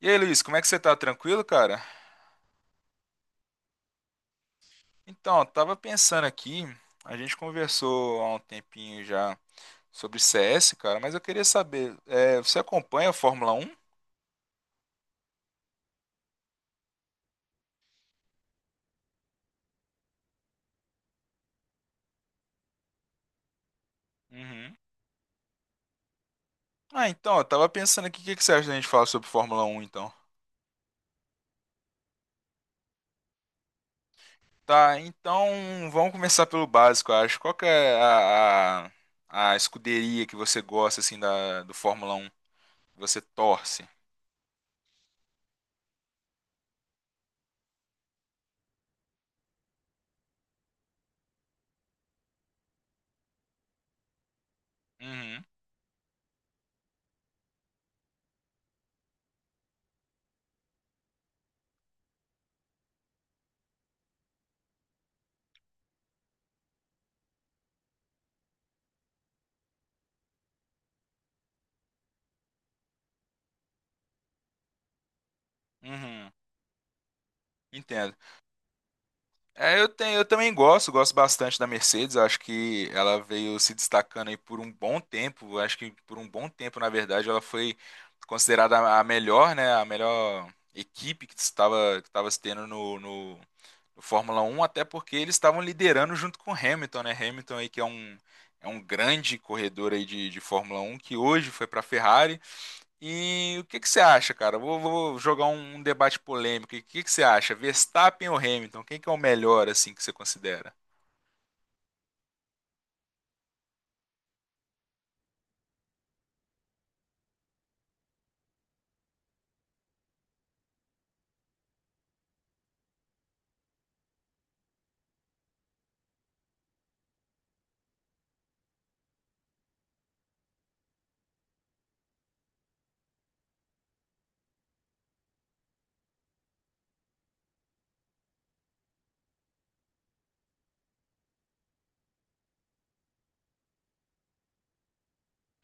E aí, Luiz, como é que você tá? Tranquilo, cara? Então, eu tava pensando aqui, a gente conversou há um tempinho já sobre CS, cara, mas eu queria saber, você acompanha a Fórmula Um? Uhum. Ah, então, eu tava pensando aqui, o que que você acha da gente falar sobre Fórmula Um, então? Tá, então vamos começar pelo básico, eu acho. Qual que é a escuderia que você gosta, assim, da, do Fórmula Um que você torce? Uhum, uhum, entendo. É, eu também gosto bastante da Mercedes. Acho que ela veio se destacando aí por um bom tempo. Acho que por um bom tempo, na verdade, ela foi considerada a melhor, né? A melhor equipe que estava se tendo no Fórmula Um até porque eles estavam liderando junto com Hamilton, né? Hamilton aí que é um grande corredor aí de Fórmula Um que hoje foi para a Ferrari. E o que que você acha, cara? Vou jogar um debate polêmico. E o que que você acha? Verstappen ou Hamilton? Quem que é o melhor, assim, que você considera?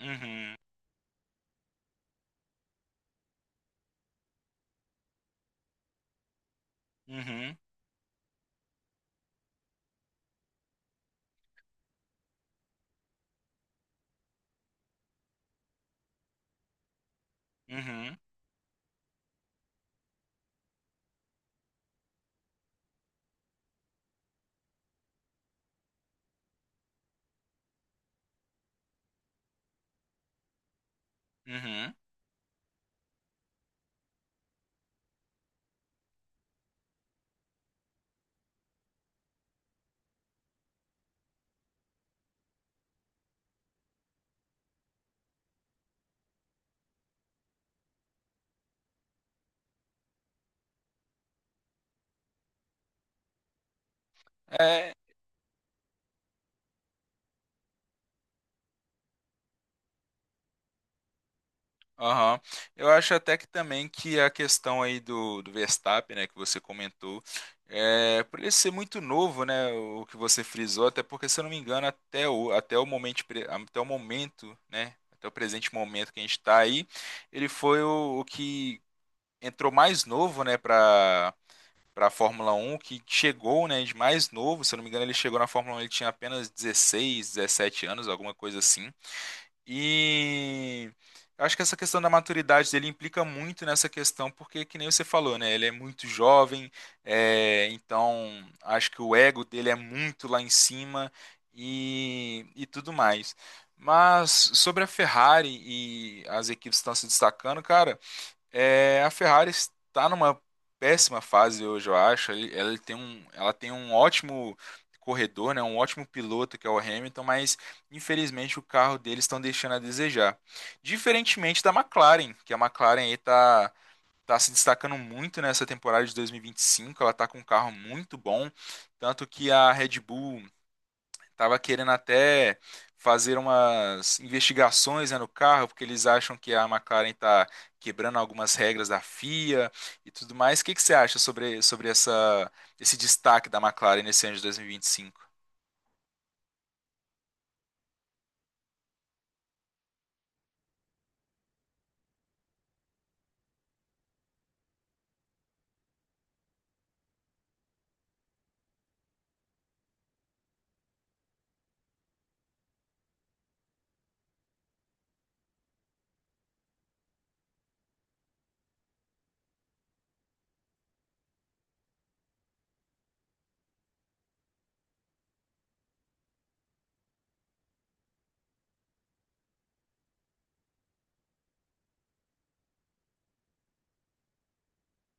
Uhum, uhum, uhum, uhum. É, aham. Eu acho até que também que a questão aí do Verstappen, né, que você comentou, por ele ser muito novo, né, o que você frisou, até porque, se eu não me engano, até o momento, né, até o presente momento que a gente está aí, ele foi o que entrou mais novo, né, para a Fórmula Um, que chegou, né, de mais novo, se eu não me engano, ele chegou na Fórmula Um, ele tinha apenas 16, 17 anos, alguma coisa assim. E eu acho que essa questão da maturidade dele implica muito nessa questão, porque, que nem você falou, né, ele é muito jovem, então acho que o ego dele é muito lá em cima e tudo mais. Mas sobre a Ferrari e as equipes que estão se destacando, cara, a Ferrari está numa péssima fase hoje, eu acho. Ela tem um ótimo corredor, né? Um ótimo piloto que é o Hamilton, mas infelizmente o carro deles estão deixando a desejar. Diferentemente da McLaren, que a McLaren aí tá se destacando muito nessa temporada de 2025. Ela tá com um carro muito bom, tanto que a Red Bull tava querendo até fazer umas investigações, né, no carro, porque eles acham que a McLaren está quebrando algumas regras da FIA e tudo mais. O que que você acha sobre essa, esse destaque da McLaren nesse ano de 2025?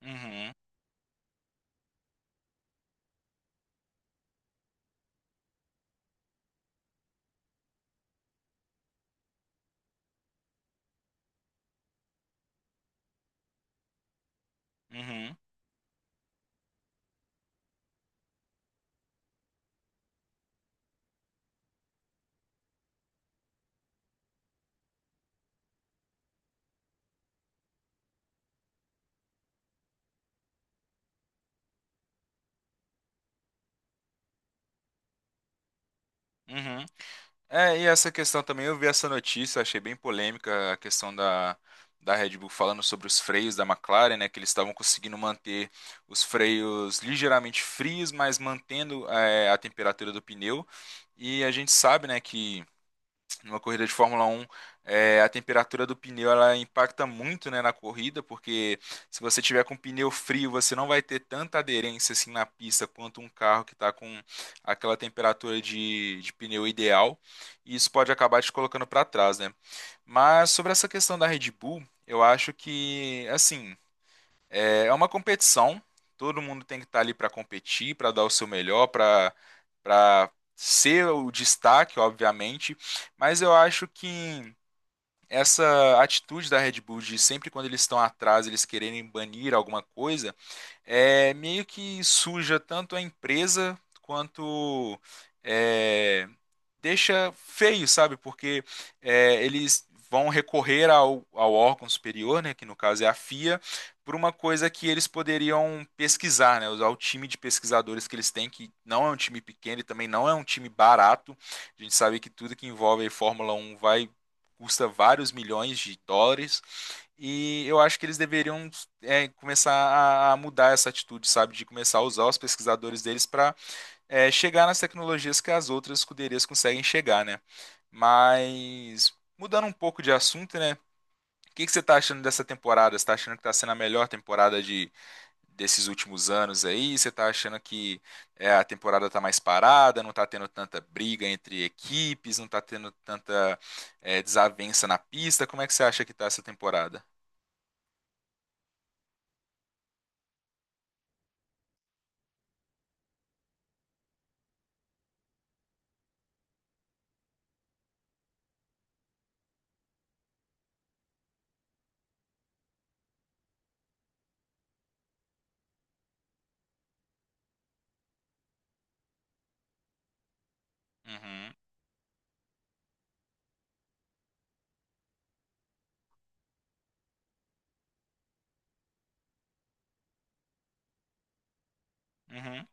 Uhum, uhum, uhum. É, e essa questão também, eu vi essa notícia, achei bem polêmica a questão da Red Bull falando sobre os freios da McLaren, né, que eles estavam conseguindo manter os freios ligeiramente frios, mas mantendo a temperatura do pneu. E a gente sabe, né, que numa corrida de Fórmula Um a temperatura do pneu ela impacta muito, né, na corrida, porque se você tiver com pneu frio, você não vai ter tanta aderência assim na pista quanto um carro que está com aquela temperatura de pneu ideal, e isso pode acabar te colocando para trás, né? Mas sobre essa questão da Red Bull, eu acho que, assim, é uma competição, todo mundo tem que estar ali para competir, para dar o seu melhor, para ser o destaque, obviamente, mas eu acho que essa atitude da Red Bull de sempre quando eles estão atrás, eles quererem banir alguma coisa, é meio que suja tanto a empresa quanto é, deixa feio, sabe? Porque eles vão recorrer ao órgão superior, né, que no caso é a FIA, por uma coisa que eles poderiam pesquisar, né, usar o time de pesquisadores que eles têm, que não é um time pequeno e também não é um time barato. A gente sabe que tudo que envolve a Fórmula Um vai custa vários milhões de dólares e eu acho que eles deveriam começar a mudar essa atitude, sabe, de começar a usar os pesquisadores deles para chegar nas tecnologias que as outras escuderias conseguem chegar, né? Mas mudando um pouco de assunto, né? O que que você tá achando dessa temporada? Você tá achando que tá sendo a melhor temporada de desses últimos anos aí? Você tá achando que a temporada tá mais parada, não tá tendo tanta briga entre equipes, não tá tendo tanta desavença na pista? Como é que você acha que tá essa temporada? Uhum, uhum,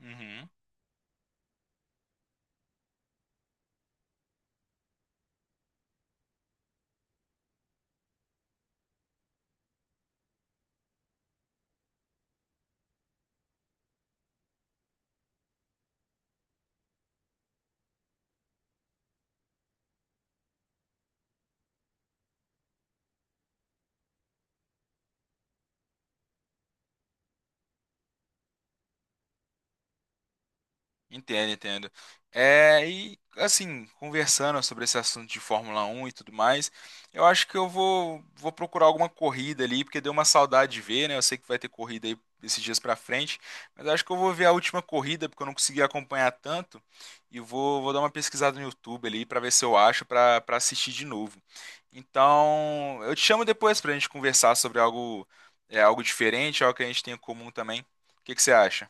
uhum. Entendo, entendo. É, e assim, conversando sobre esse assunto de Fórmula 1 e tudo mais, eu acho que eu vou procurar alguma corrida ali, porque deu uma saudade de ver, né? Eu sei que vai ter corrida aí esses dias pra frente, mas eu acho que eu vou ver a última corrida, porque eu não consegui acompanhar tanto, e vou dar uma pesquisada no YouTube ali pra ver se eu acho pra para assistir de novo. Então, eu te chamo depois pra gente conversar sobre algo, algo diferente, algo que a gente tem em comum também. O que que você acha?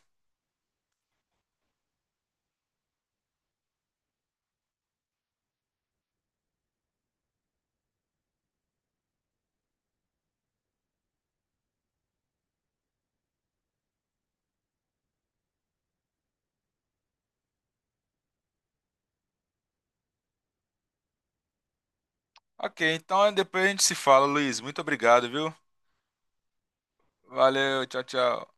Ok, então depois a gente se fala, Luiz. Muito obrigado, viu? Valeu, tchau, tchau.